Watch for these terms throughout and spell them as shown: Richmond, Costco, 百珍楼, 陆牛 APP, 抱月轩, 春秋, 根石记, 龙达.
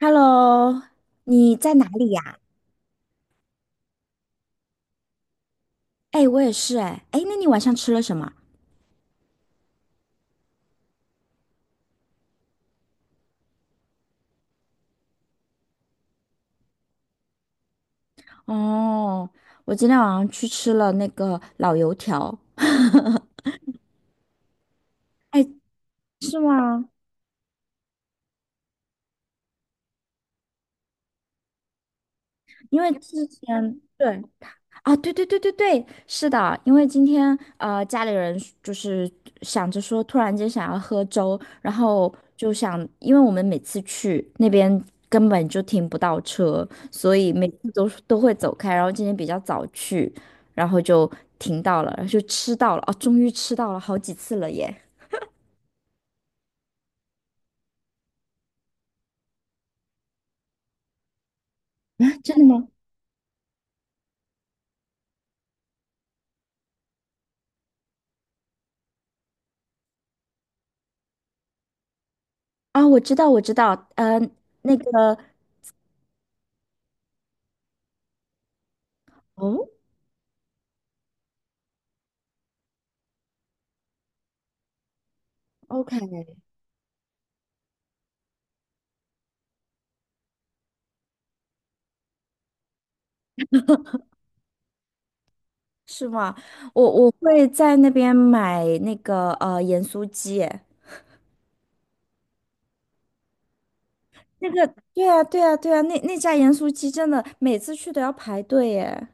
Hello，你在哪里呀？哎，我也是哎，哎，那你晚上吃了什么？哦，我今天晚上去吃了那个老油条。是吗？因为之前对，啊，对对对对对，是的，因为今天家里人就是想着说，突然间想要喝粥，然后就想，因为我们每次去那边根本就停不到车，所以每次都会走开，然后今天比较早去，然后就停到了，然后就吃到了，哦，终于吃到了好几次了耶！真的吗？啊，我知道，我知道，那个，哦，OK，是吗？我会在那边买那个盐酥鸡耶那个，对啊，对啊，对啊，那家盐酥鸡真的每次去都要排队耶。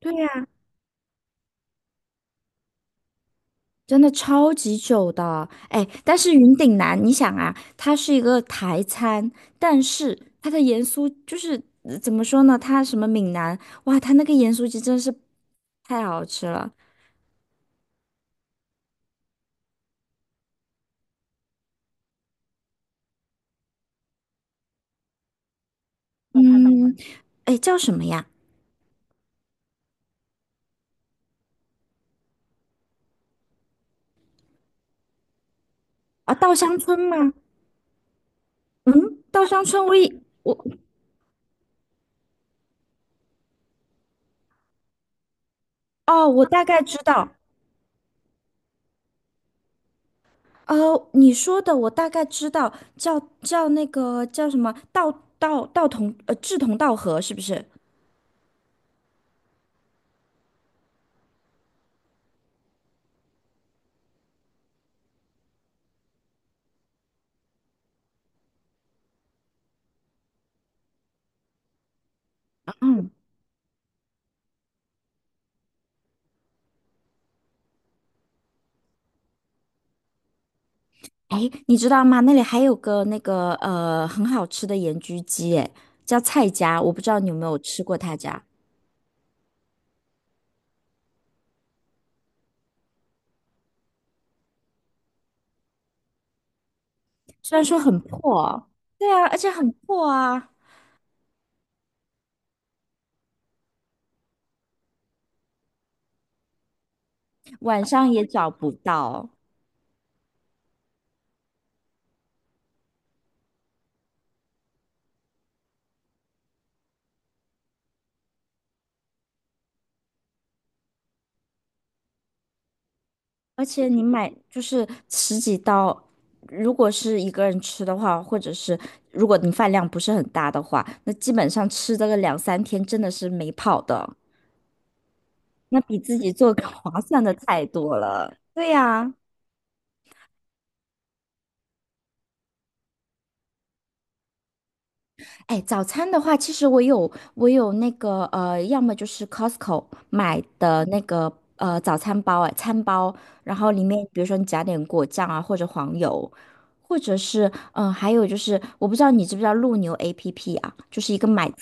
对呀，真的超级久的。哎，但是云顶南，你想啊，它是一个台餐，但是它的盐酥就是怎么说呢？它什么闽南，哇，它那个盐酥鸡真是太好吃了。嗯，哎，叫什么呀？啊，稻香村吗？嗯，稻香村我我哦，我大概知道，哦，你说的我大概知道，叫那个叫什么道道道同呃志同道合是不是？嗯，哎，你知道吗？那里还有个那个很好吃的盐焗鸡，哎，叫蔡家，我不知道你有没有吃过他家，虽然说很破哦对啊，而且很破啊，晚上也找不到。而且你买就是十几刀，如果是一个人吃的话，或者是如果你饭量不是很大的话，那基本上吃这个两三天真的是没跑的，那比自己做个 划算的太多了。对呀、哎，早餐的话，其实我有那个要么就是 Costco 买的那个早餐包，哎，餐包，然后里面比如说你加点果酱啊，或者黄油，或者是还有就是我不知道你知不知道陆牛 APP 啊，就是一个买菜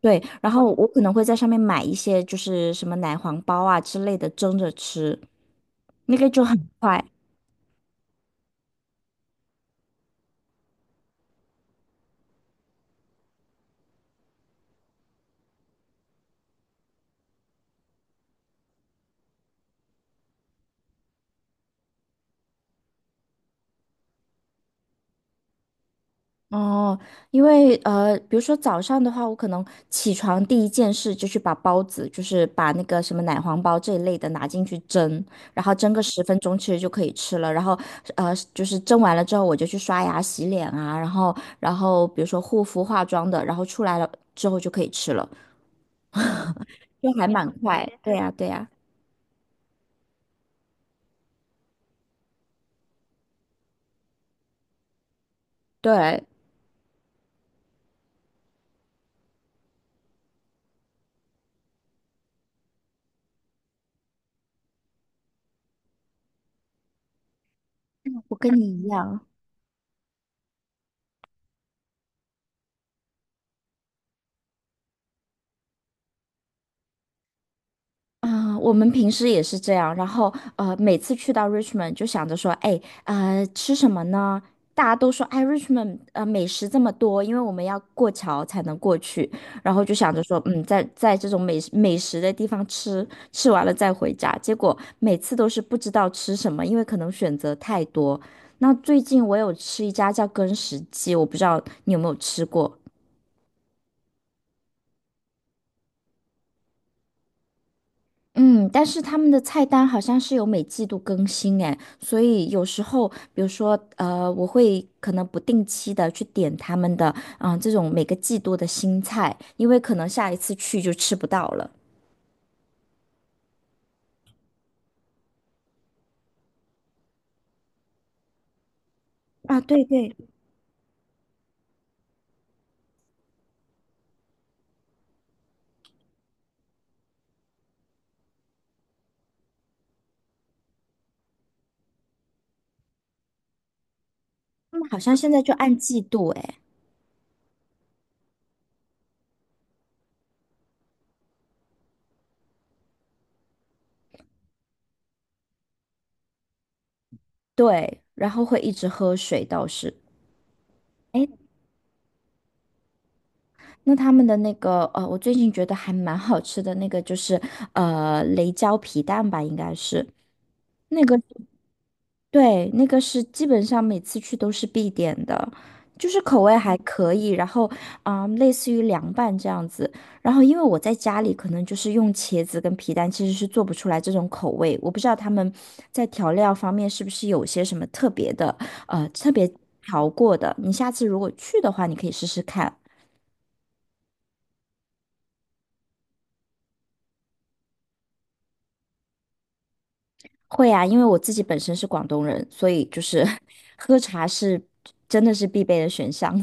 对，然后我可能会在上面买一些就是什么奶黄包啊之类的蒸着吃，那个就很快。哦，因为比如说早上的话，我可能起床第一件事就去把包子，就是把那个什么奶黄包这一类的拿进去蒸，然后蒸个10分钟，其实就可以吃了。然后就是蒸完了之后，我就去刷牙、洗脸啊，然后比如说护肤、化妆的，然后出来了之后就可以吃了，就还蛮快。对呀，对呀，对，我跟你一样。啊、我们平时也是这样，然后每次去到 Richmond 就想着说，哎，吃什么呢？大家都说，哎，Richmond 美食这么多，因为我们要过桥才能过去，然后就想着说，在这种美食的地方吃，吃完了再回家。结果每次都是不知道吃什么，因为可能选择太多。那最近我有吃一家叫根石记，我不知道你有没有吃过。嗯，但是他们的菜单好像是有每季度更新哎，所以有时候，比如说，我会可能不定期的去点他们的，啊，这种每个季度的新菜，因为可能下一次去就吃不到了。啊，对对，他们好像现在就按季度哎，对，然后会一直喝水倒是。哎，那他们的那个，我最近觉得还蛮好吃的那个就是，雷椒皮蛋吧，应该是。那个。对，那个是基本上每次去都是必点的，就是口味还可以，然后类似于凉拌这样子。然后因为我在家里可能就是用茄子跟皮蛋，其实是做不出来这种口味。我不知道他们在调料方面是不是有些什么特别的，特别调过的。你下次如果去的话，你可以试试看。会啊，因为我自己本身是广东人，所以就是 喝茶是真的是必备的选项。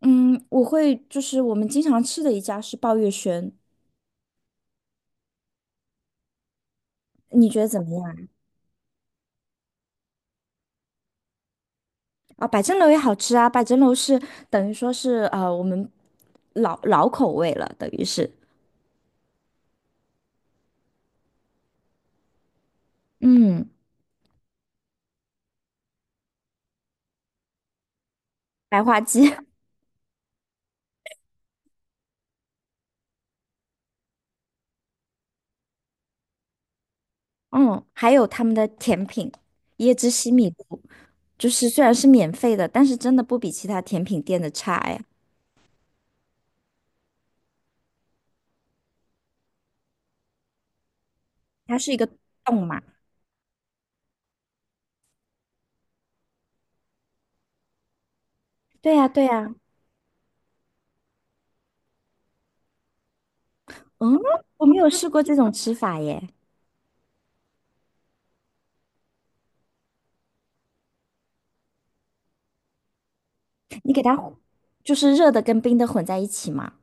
嗯，我会就是我们经常吃的一家是抱月轩，你觉得怎么样？啊，百珍楼也好吃啊，百珍楼是等于说是我们老老口味了，等于是嗯白花鸡，嗯，还有他们的甜品椰汁西米露，就是虽然是免费的，但是真的不比其他甜品店的差哎，它是一个洞嘛，对呀对呀，嗯，我没有试过这种吃法耶，你给它就是热的跟冰的混在一起嘛。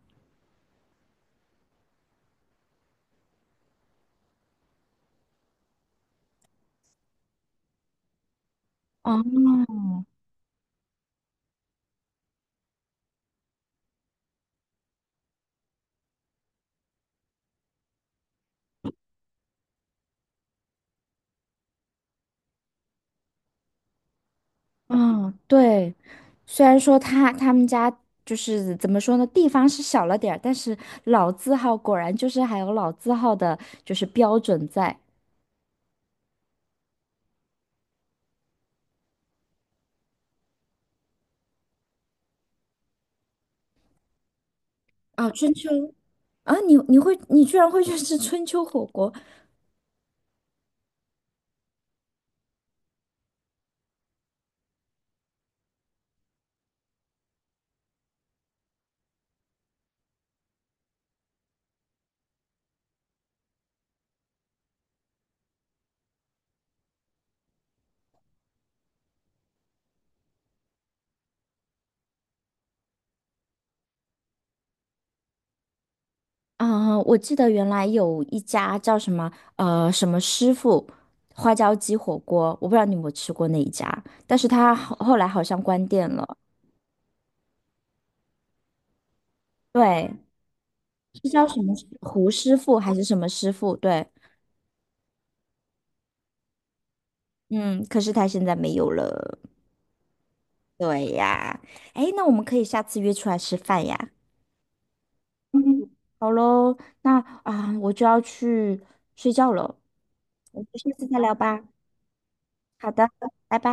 哦嗯，对，虽然说他们家就是怎么说呢，地方是小了点儿，但是老字号果然就是还有老字号的，就是标准在。啊，春秋啊，你居然会去吃春秋火锅？嗯，我记得原来有一家叫什么什么师傅花椒鸡火锅，我不知道你有没有吃过那一家，但是他后来好像关店了。对，是叫什么师傅还是什么师傅？对。嗯，可是他现在没有了。哎，那我们可以下次约出来吃饭呀。好喽，那啊，我就要去睡觉了，我们下次再聊吧。好的，拜拜。